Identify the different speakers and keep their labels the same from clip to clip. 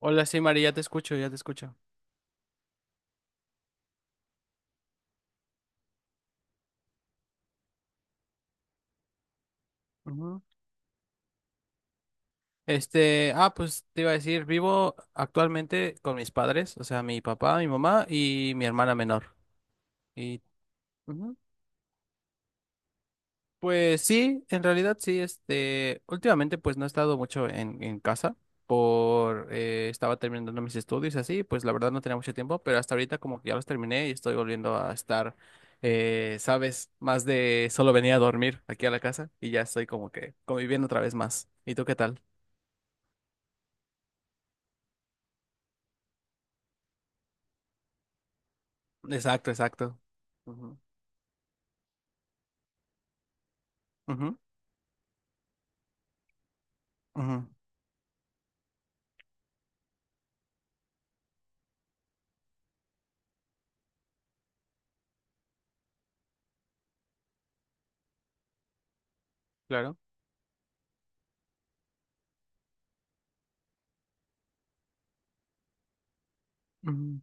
Speaker 1: Hola, sí, María, ya te escucho, ya te escucho. Ujú. Pues te iba a decir, vivo actualmente con mis padres, o sea, mi papá, mi mamá y mi hermana menor. Y ujú. Pues sí, en realidad sí, últimamente pues no he estado mucho en casa por, estaba terminando mis estudios y así, pues la verdad no tenía mucho tiempo, pero hasta ahorita como que ya los terminé y estoy volviendo a estar, sabes, más de solo venía a dormir aquí a la casa y ya estoy como que conviviendo otra vez más. ¿Y tú qué tal? Exacto, exacto. Ujú, ujú, ujú, claro. Ujú.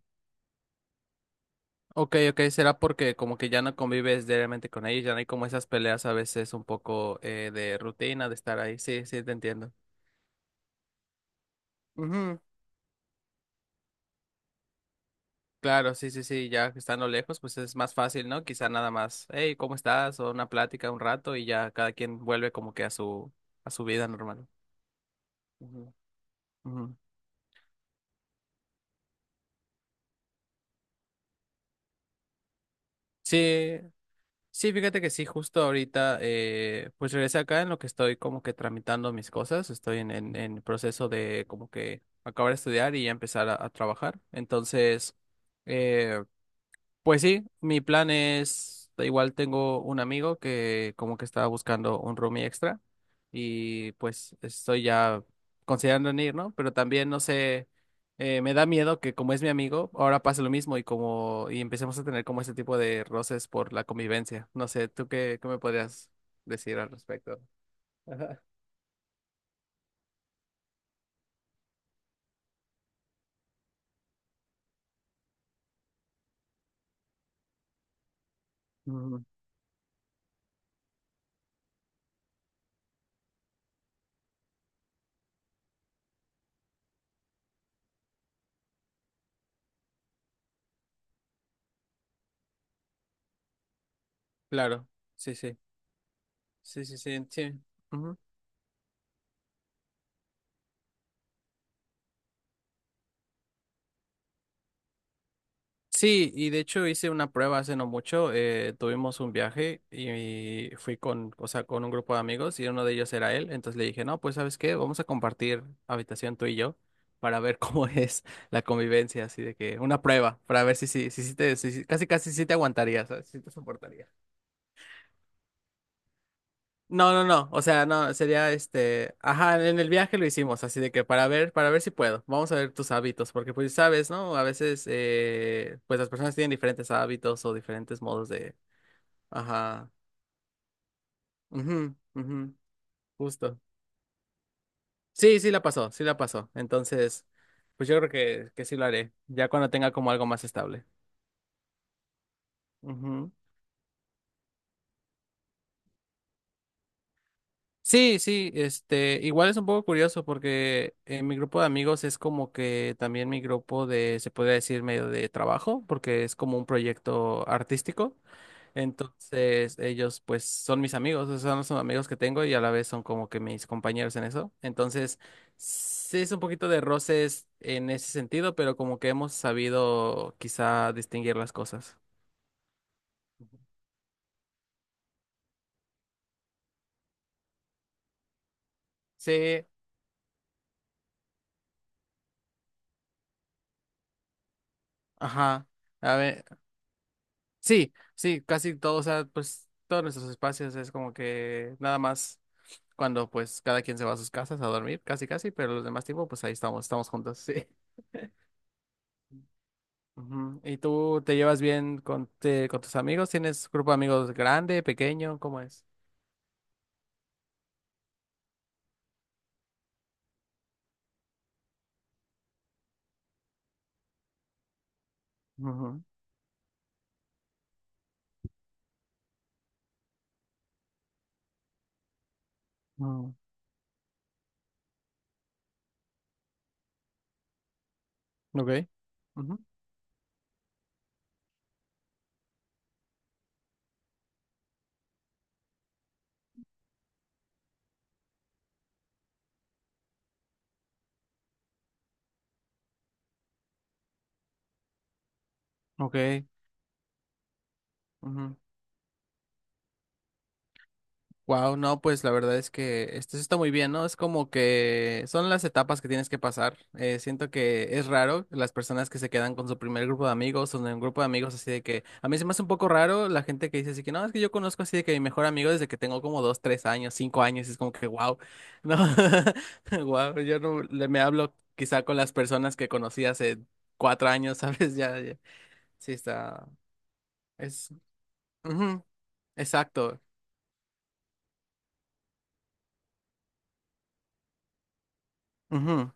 Speaker 1: Ok, ok, será porque como que ya no convives diariamente con ellos, ya no hay como esas peleas a veces un poco de rutina, de estar ahí. Sí, sí, te entiendo. Ujú. Claro, sí, sí, sí, ya que estando lejos, pues es más fácil, ¿no? Quizá nada más, hey, ¿cómo estás? O una plática un rato y ya cada quien vuelve como que a a su vida normal. Ujú, ujú. Sí, sí, fíjate que sí, justo ahorita, pues regresé acá en lo que estoy como que tramitando mis cosas, estoy en proceso de como que acabar de estudiar y ya empezar a trabajar. Entonces, eh, pues sí, mi plan es, da igual, tengo un amigo que como que estaba buscando un roomie extra y pues estoy ya considerando en ir, ¿no? Pero también, no sé, me da miedo que como es mi amigo, ahora pase lo mismo y como y empecemos a tener como ese tipo de roces por la convivencia. No sé, ¿tú qué, qué me podrías decir al respecto? Ajá. Ujú. Claro, sí, sí, sí, sí, sí, sí. Sí, y de hecho hice una prueba hace no mucho. Tuvimos un viaje y fui con, o sea, con un grupo de amigos y uno de ellos era él. Entonces le dije, no, pues ¿sabes qué? Vamos a compartir habitación tú y yo para ver cómo es la convivencia, así de que una prueba, para ver si, casi casi si te aguantarías, ¿sabes? Si te soportarías. No, no, no. O sea, no, sería este. Ajá, en el viaje lo hicimos, así de que para ver si puedo. Vamos a ver tus hábitos, porque pues sabes, ¿no? A veces, pues las personas tienen diferentes hábitos o diferentes modos de. Ajá. Ujú, ujú. Justo. Sí, sí la pasó, sí la pasó. Entonces, pues yo creo que sí lo haré, ya cuando tenga como algo más estable. Ujú. Sí, sí, este, igual es un poco curioso porque mi grupo de amigos es como que también mi grupo de, se podría decir, medio de trabajo, porque es como un proyecto artístico. Entonces, ellos pues son mis amigos, o sea, son los amigos que tengo y a la vez son como que mis compañeros en eso. Entonces, sí es un poquito de roces en ese sentido, pero como que hemos sabido quizá distinguir las cosas. Sí, ajá. A ver. Sí, sí, casi todos, o sea, pues todos nuestros espacios es como que nada más cuando pues cada quien se va a sus casas a dormir, casi casi, pero los demás tiempo pues ahí estamos, estamos juntos, sí. Ujú. ¿Y tú te llevas bien con, te- con tus amigos? ¿Tienes grupo de amigos grande, pequeño? ¿Cómo es? Ujú. Mm. Ok. Ujú. Ok. Ujú. Wow, no, pues la verdad es que esto sí está muy bien, ¿no? Es como que son las etapas que tienes que pasar. Siento que es raro las personas que se quedan con su primer grupo de amigos o en un grupo de amigos, así de que a mí se me hace un poco raro la gente que dice así que no, es que yo conozco así de que mi mejor amigo desde que tengo como dos, tres años, cinco años, y es como que wow, no, wow, yo no le me hablo quizá con las personas que conocí hace cuatro años, ¿sabes? Ya, ya. Sí está, es, ujú, exacto, ujú.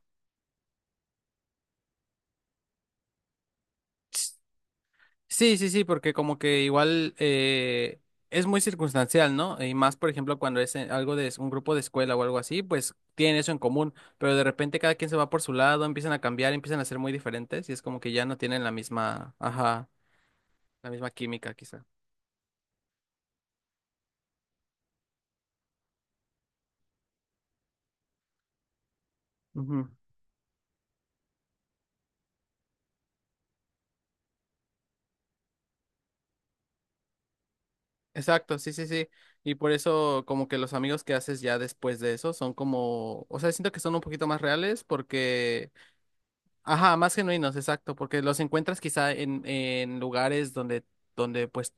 Speaker 1: Sí, sí, sí, porque como que igual es muy circunstancial, ¿no? Y más, por ejemplo, cuando es en- algo de un grupo de escuela o algo así, pues tienen eso en común, pero de repente cada quien se va por su lado, empiezan a cambiar, empiezan a ser muy diferentes y es como que ya no tienen la misma, ajá, la misma química quizá. Ujú. Exacto, sí, sí, sí. Y por eso como que los amigos que haces ya después de eso son como, o sea, siento que son un poquito más reales porque ajá, más genuinos, exacto, porque los encuentras quizá en lugares donde, donde pues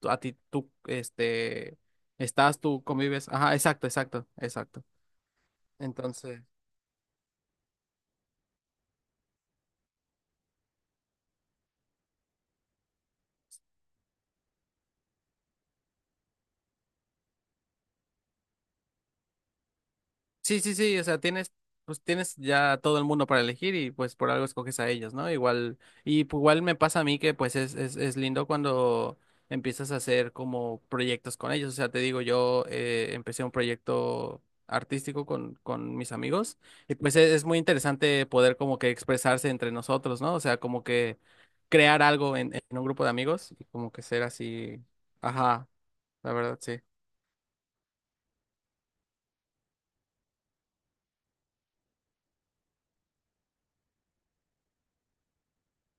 Speaker 1: tú- a ti tú, este, estás, tú convives. Ajá, exacto, exacto, exacto. Entonces... Sí, sí, sí, o sea, tienes, pues tienes ya todo el mundo para elegir y pues por algo escoges a ellos, ¿no? Igual, y pues, igual me pasa a mí que pues es lindo cuando empiezas a hacer como proyectos con ellos, o sea, te digo, yo empecé un proyecto artístico con mis amigos y pues es muy interesante poder como que expresarse entre nosotros, ¿no? O sea, como que crear algo en un grupo de amigos y como que ser así, ajá, la verdad, sí,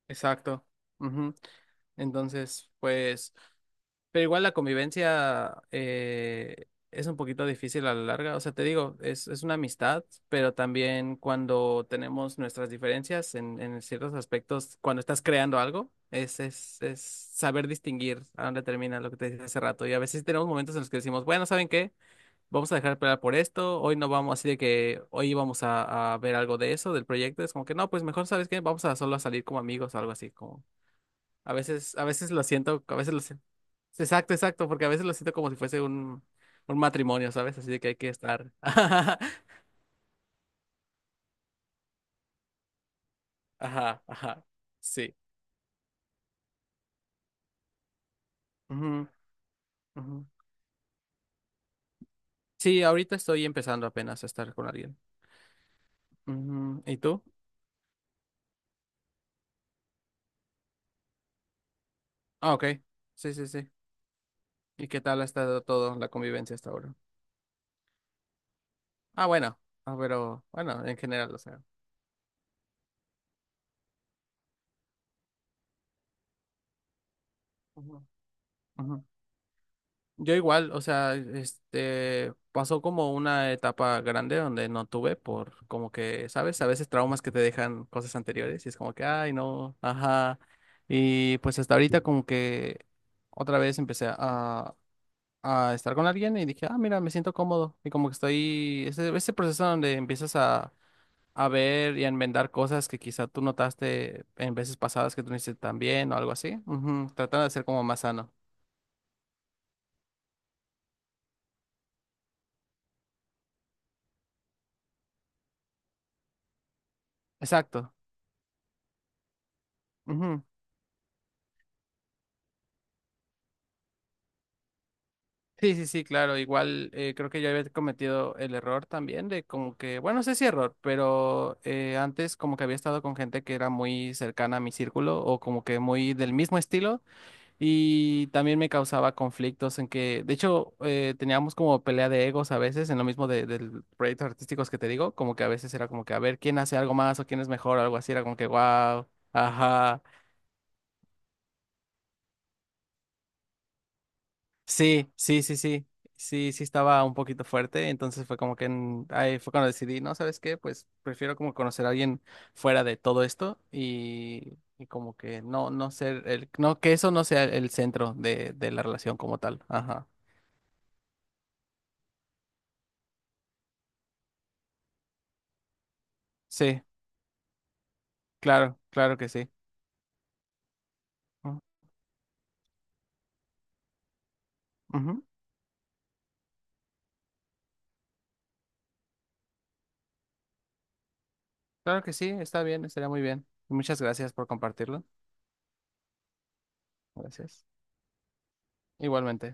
Speaker 1: exacto. Ujú. Entonces, pues... Pero igual la convivencia es un poquito difícil a la larga. O sea, te digo, es una amistad, pero también cuando tenemos nuestras diferencias en ciertos aspectos, cuando estás creando algo, es saber distinguir a dónde termina lo que te dije hace rato. Y a veces tenemos momentos en los que decimos, bueno, ¿saben qué? Vamos a dejar de pelear por esto, hoy no vamos, así de que hoy vamos a ver algo de eso, del proyecto. Es como que no, pues mejor, ¿sabes qué? Vamos a solo a salir como amigos o algo así, como... a veces lo siento, a veces lo siento. Exacto, exacto, porque a veces lo siento como si fuese un matrimonio, ¿sabes? Así de que hay que estar. Ajá, ajá. Sí. Ujú, ujú. Sí, ahorita estoy empezando apenas a estar con alguien. Ujú, ¿y tú? Ah, ok. Sí, sí, sí. ¿Y qué tal ha estado todo la convivencia hasta ahora? Ah, bueno. Ah, pero bueno, en general, o sea. Ujú, ujú. Yo igual, o sea, este, pasó como una etapa grande donde no tuve por como que, ¿sabes? A veces traumas que te dejan cosas anteriores y es como que, ay, no, ajá. Y pues hasta ahorita como que otra vez empecé a estar con alguien y dije, ah, mira, me siento cómodo. Y como que estoy, ese proceso donde empiezas a ver y a enmendar cosas que quizá tú notaste en veces pasadas que tú no hiciste tan bien o algo así, ujú. Tratando de ser como más sano. Exacto. Ujú. Sí, sí, sí, claro. Igual creo que yo había cometido el error también de como que, bueno, no sé si error, pero antes como que había estado con gente que era muy cercana a mi círculo o como que muy del mismo estilo y también me causaba conflictos en que, de hecho, teníamos como pelea de egos a veces en lo mismo de, del proyectos artísticos que te digo, como que a veces era como que a ver quién hace algo más o quién es mejor o algo así, era como que, wow, ajá. Sí, sí, sí, sí. Sí, sí estaba un poquito fuerte, entonces fue como que en- ahí fue cuando decidí, no, ¿sabes qué? Pues prefiero como conocer a alguien fuera de todo esto y como que no, no ser el, no, que eso no sea el centro de la relación como tal. Ajá. Sí, claro, claro que sí. Ujú, ujú. Claro que sí, está bien, estaría muy bien. Muchas gracias por compartirlo. Gracias. Igualmente.